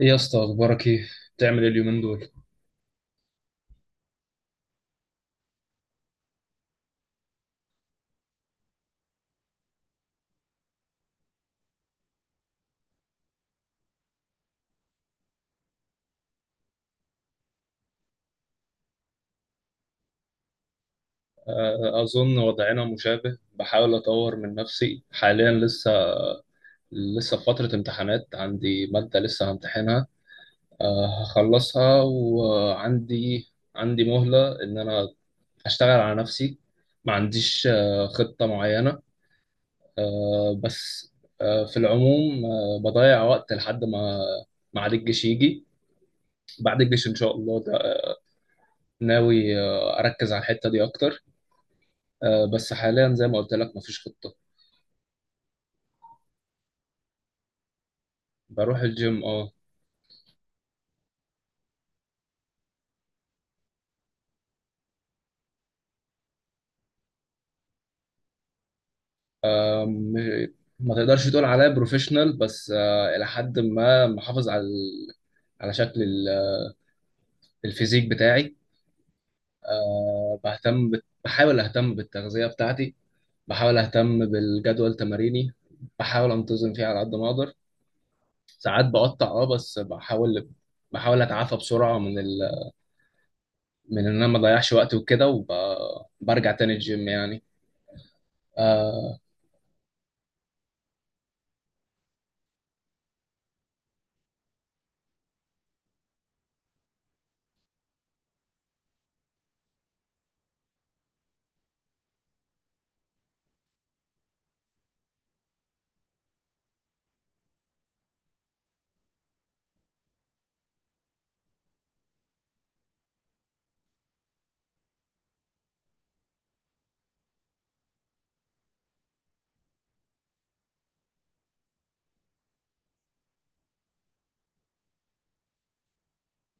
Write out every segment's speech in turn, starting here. إيه يا اسطى، اخبارك ايه؟ بتعمل إيه اليومين دول؟ اظن وضعنا مشابه، بحاول اطور من نفسي حاليا. لسه في فترة امتحانات، عندي مادة لسه همتحنها. هخلصها، وعندي مهلة ان انا اشتغل على نفسي. ما عنديش خطة معينة. بس في العموم بضيع وقت لحد ما ما عاد الجيش يجي. بعد الجيش ان شاء الله ده ناوي اركز على الحتة دي اكتر. بس حاليا زي ما قلت لك، مفيش خطة. بروح الجيم، اه. آه، م- ما تقدرش تقول عليا بروفيشنال، بس إلى حد ما محافظ على شكل الفيزيك بتاعي. بحاول أهتم بالتغذية بتاعتي، بحاول أهتم بالجدول تماريني، بحاول أنتظم فيه على قد ما أقدر. ساعات بقطع، اه، بس بحاول، أتعافى بسرعة من إن أنا ما أضيعش وقت وكده، وبرجع تاني الجيم يعني. آه،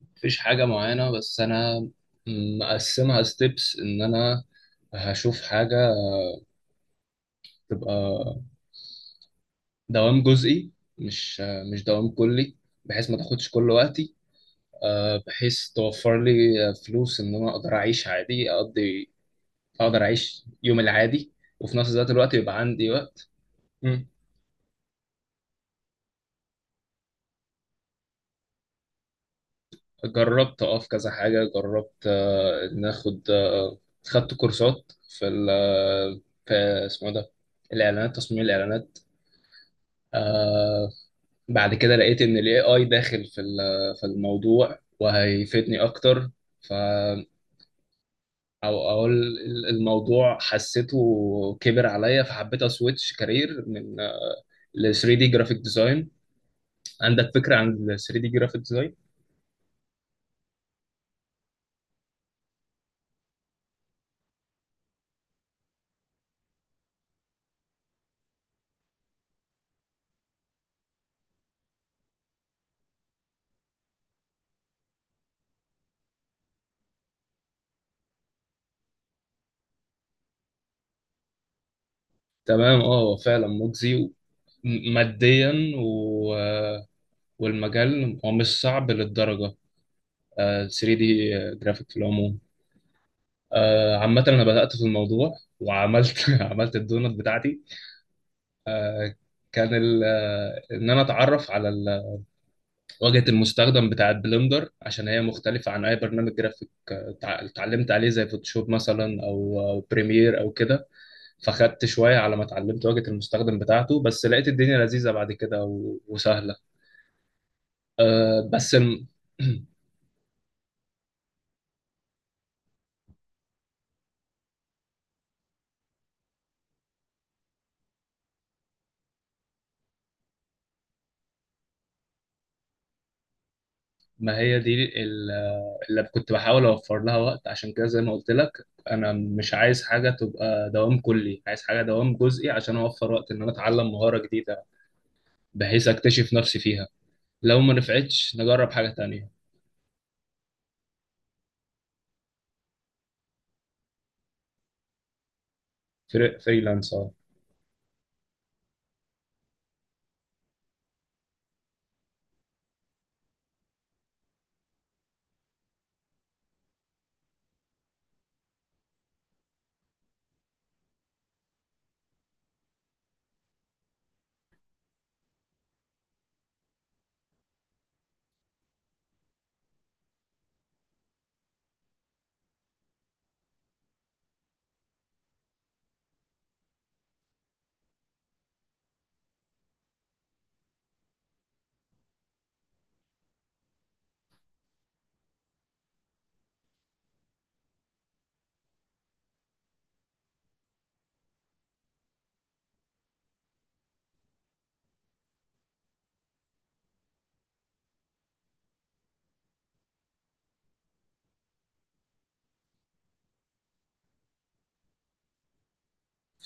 مفيش حاجة معينة، بس أنا مقسمها ستيبس إن أنا هشوف حاجة تبقى دوام جزئي، مش مش دوام كلي، بحيث ما تاخدش كل وقتي. بحيث توفر لي فلوس إن أنا أقدر أعيش عادي، أقدر أعيش يوم العادي، وفي نفس ذات الوقت يبقى عندي وقت. مم. جربت أقف كذا حاجة، جربت إن آخد خدت كورسات في ال آه، في، اسمه إيه ده، الإعلانات، تصميم الإعلانات. آه، بعد كده لقيت ان الاي اي داخل في الموضوع وهيفيدني اكتر. ف او اقول الموضوع حسيته كبر عليا، فحبيت اسويتش كارير ل 3 دي جرافيك ديزاين. عندك فكرة عن ال 3 دي جرافيك ديزاين؟ تمام، اه، هو فعلا مجزي ماديا و... والمجال هو مش صعب للدرجة. 3 دي جرافيك في العموم. عامة أنا بدأت في الموضوع، وعملت عملت الدونت بتاعتي. كان ان انا اتعرف على واجهه المستخدم بتاعه بلندر، عشان هي مختلفه عن اي برنامج جرافيك اتعلمت عليه زي فوتوشوب مثلا أو بريمير او كده. فخدت شويه على ما اتعلمت واجهه المستخدم بتاعته، بس لقيت الدنيا لذيذه بعد كده وسهله. آه، بس الم- ما هي دي اللي كنت بحاول اوفر لها وقت، عشان كده زي ما قلت لك انا مش عايز حاجه تبقى دوام كلي، عايز حاجه دوام جزئي عشان اوفر وقت ان انا اتعلم مهاره جديده بحيث اكتشف نفسي فيها. لو ما نفعتش نجرب حاجة تانية. فريلانس، اه.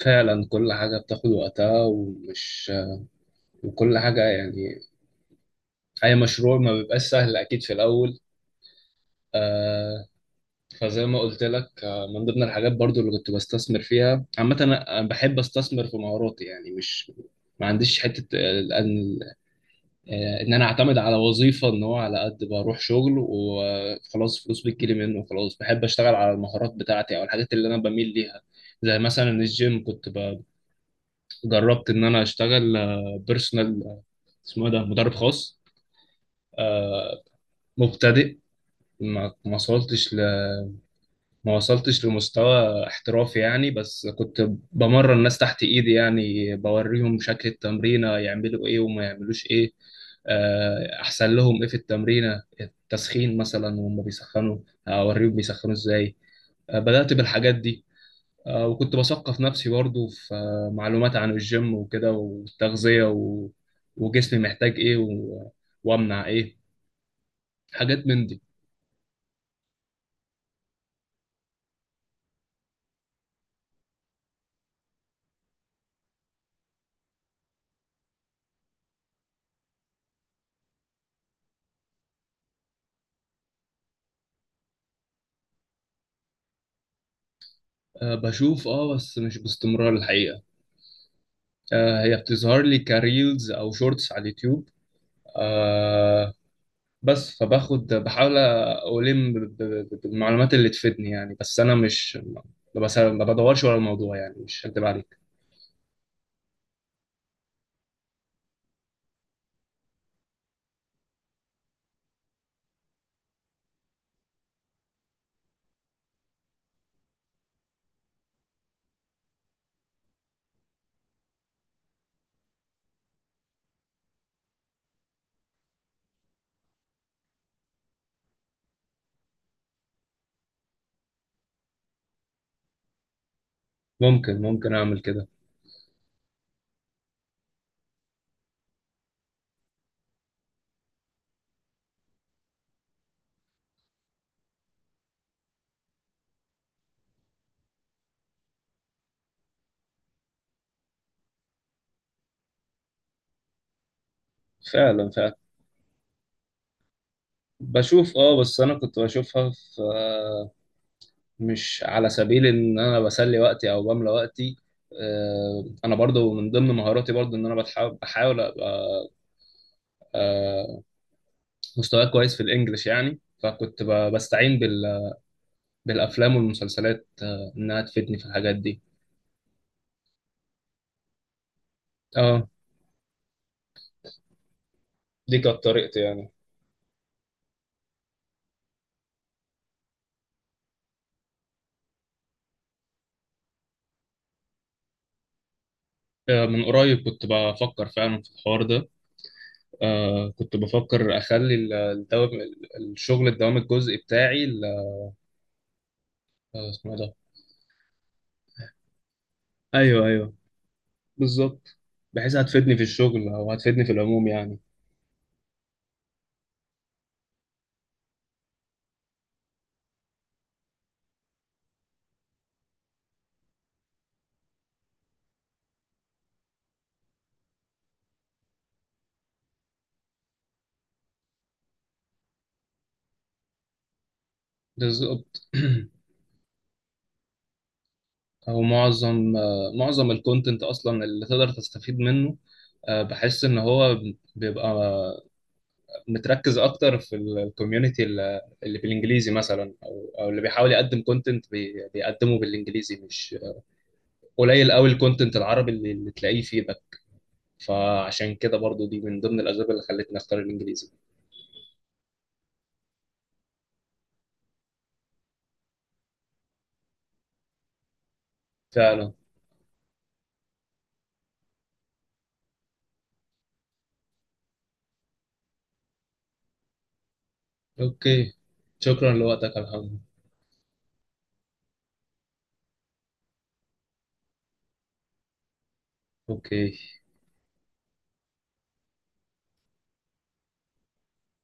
فعلا، كل حاجة بتاخد وقتها، وكل حاجة يعني أي مشروع ما بيبقاش سهل أكيد في الأول. آه. فزي ما قلت لك، آه، من ضمن الحاجات برضو اللي كنت بستثمر فيها عامة، أنا بحب أستثمر في مهاراتي، يعني مش، ما عنديش حتة، ان انا اعتمد على وظيفه ان هو على قد بروح شغل وخلاص فلوس بتجيلي منه وخلاص. بحب اشتغل على المهارات بتاعتي او الحاجات اللي انا بميل ليها. زي مثلا الجيم، جربت ان انا اشتغل بيرسونال، اسمه إيه ده، مدرب خاص مبتدئ. ما ما وصلتش ما وصلتش لمستوى احترافي يعني، بس كنت بمرن ناس تحت ايدي يعني، بوريهم شكل التمرينة يعملوا ايه وما يعملوش ايه. احسن لهم ايه في التمرينة، التسخين مثلا وهم بيسخنوا، اوريهم بيسخنوا ازاي. بدأت بالحاجات دي. وكنت بثقف نفسي برضو في معلومات عن الجيم وكده، والتغذية و... وجسمي محتاج ايه و... وامنع ايه، حاجات من دي. بشوف، اه، بس مش باستمرار الحقيقة. هي بتظهر لي كريلز او شورتس على اليوتيوب. آه، بس فباخد، بحاول الم ب- ب- بالمعلومات اللي تفيدني يعني، بس انا مش، ما بدورش ورا الموضوع يعني، مش هكدب عليك. ممكن اعمل كده. فعلا، فعلا. بشوف، اه، بس انا كنت بشوفها في، مش على سبيل ان انا بسلي وقتي او بملى وقتي. انا برضو من ضمن مهاراتي برضو ان انا بحاول ابقى آه، مستواي كويس في الانجليش يعني، بستعين بالافلام والمسلسلات انها تفيدني في الحاجات دي. اه، دي كانت طريقتي يعني. من قريب كنت بفكر فعلا في الحوار ده. آه، كنت بفكر اخلي الدوام الجزئي بتاعي، اسمه إيه ده. ايوه، ايوه، بالظبط، بحيث هتفيدني في الشغل او هتفيدني في العموم يعني. بالظبط. او معظم آه معظم الكونتنت اصلا اللي تقدر تستفيد منه، بحس ان هو بيبقى متركز اكتر في الكوميونتي اللي بالانجليزي مثلا، او اللي بيحاول يقدم كونتنت بيقدمه بالانجليزي، مش قليل قوي الكونتنت العربي اللي تلاقيه فيه ده. فعشان كده برضو دي من ضمن الاسباب اللي خلتني اختار الانجليزي. فعلا. اوكي، شكرا لوقتك يا محمد. اوكي.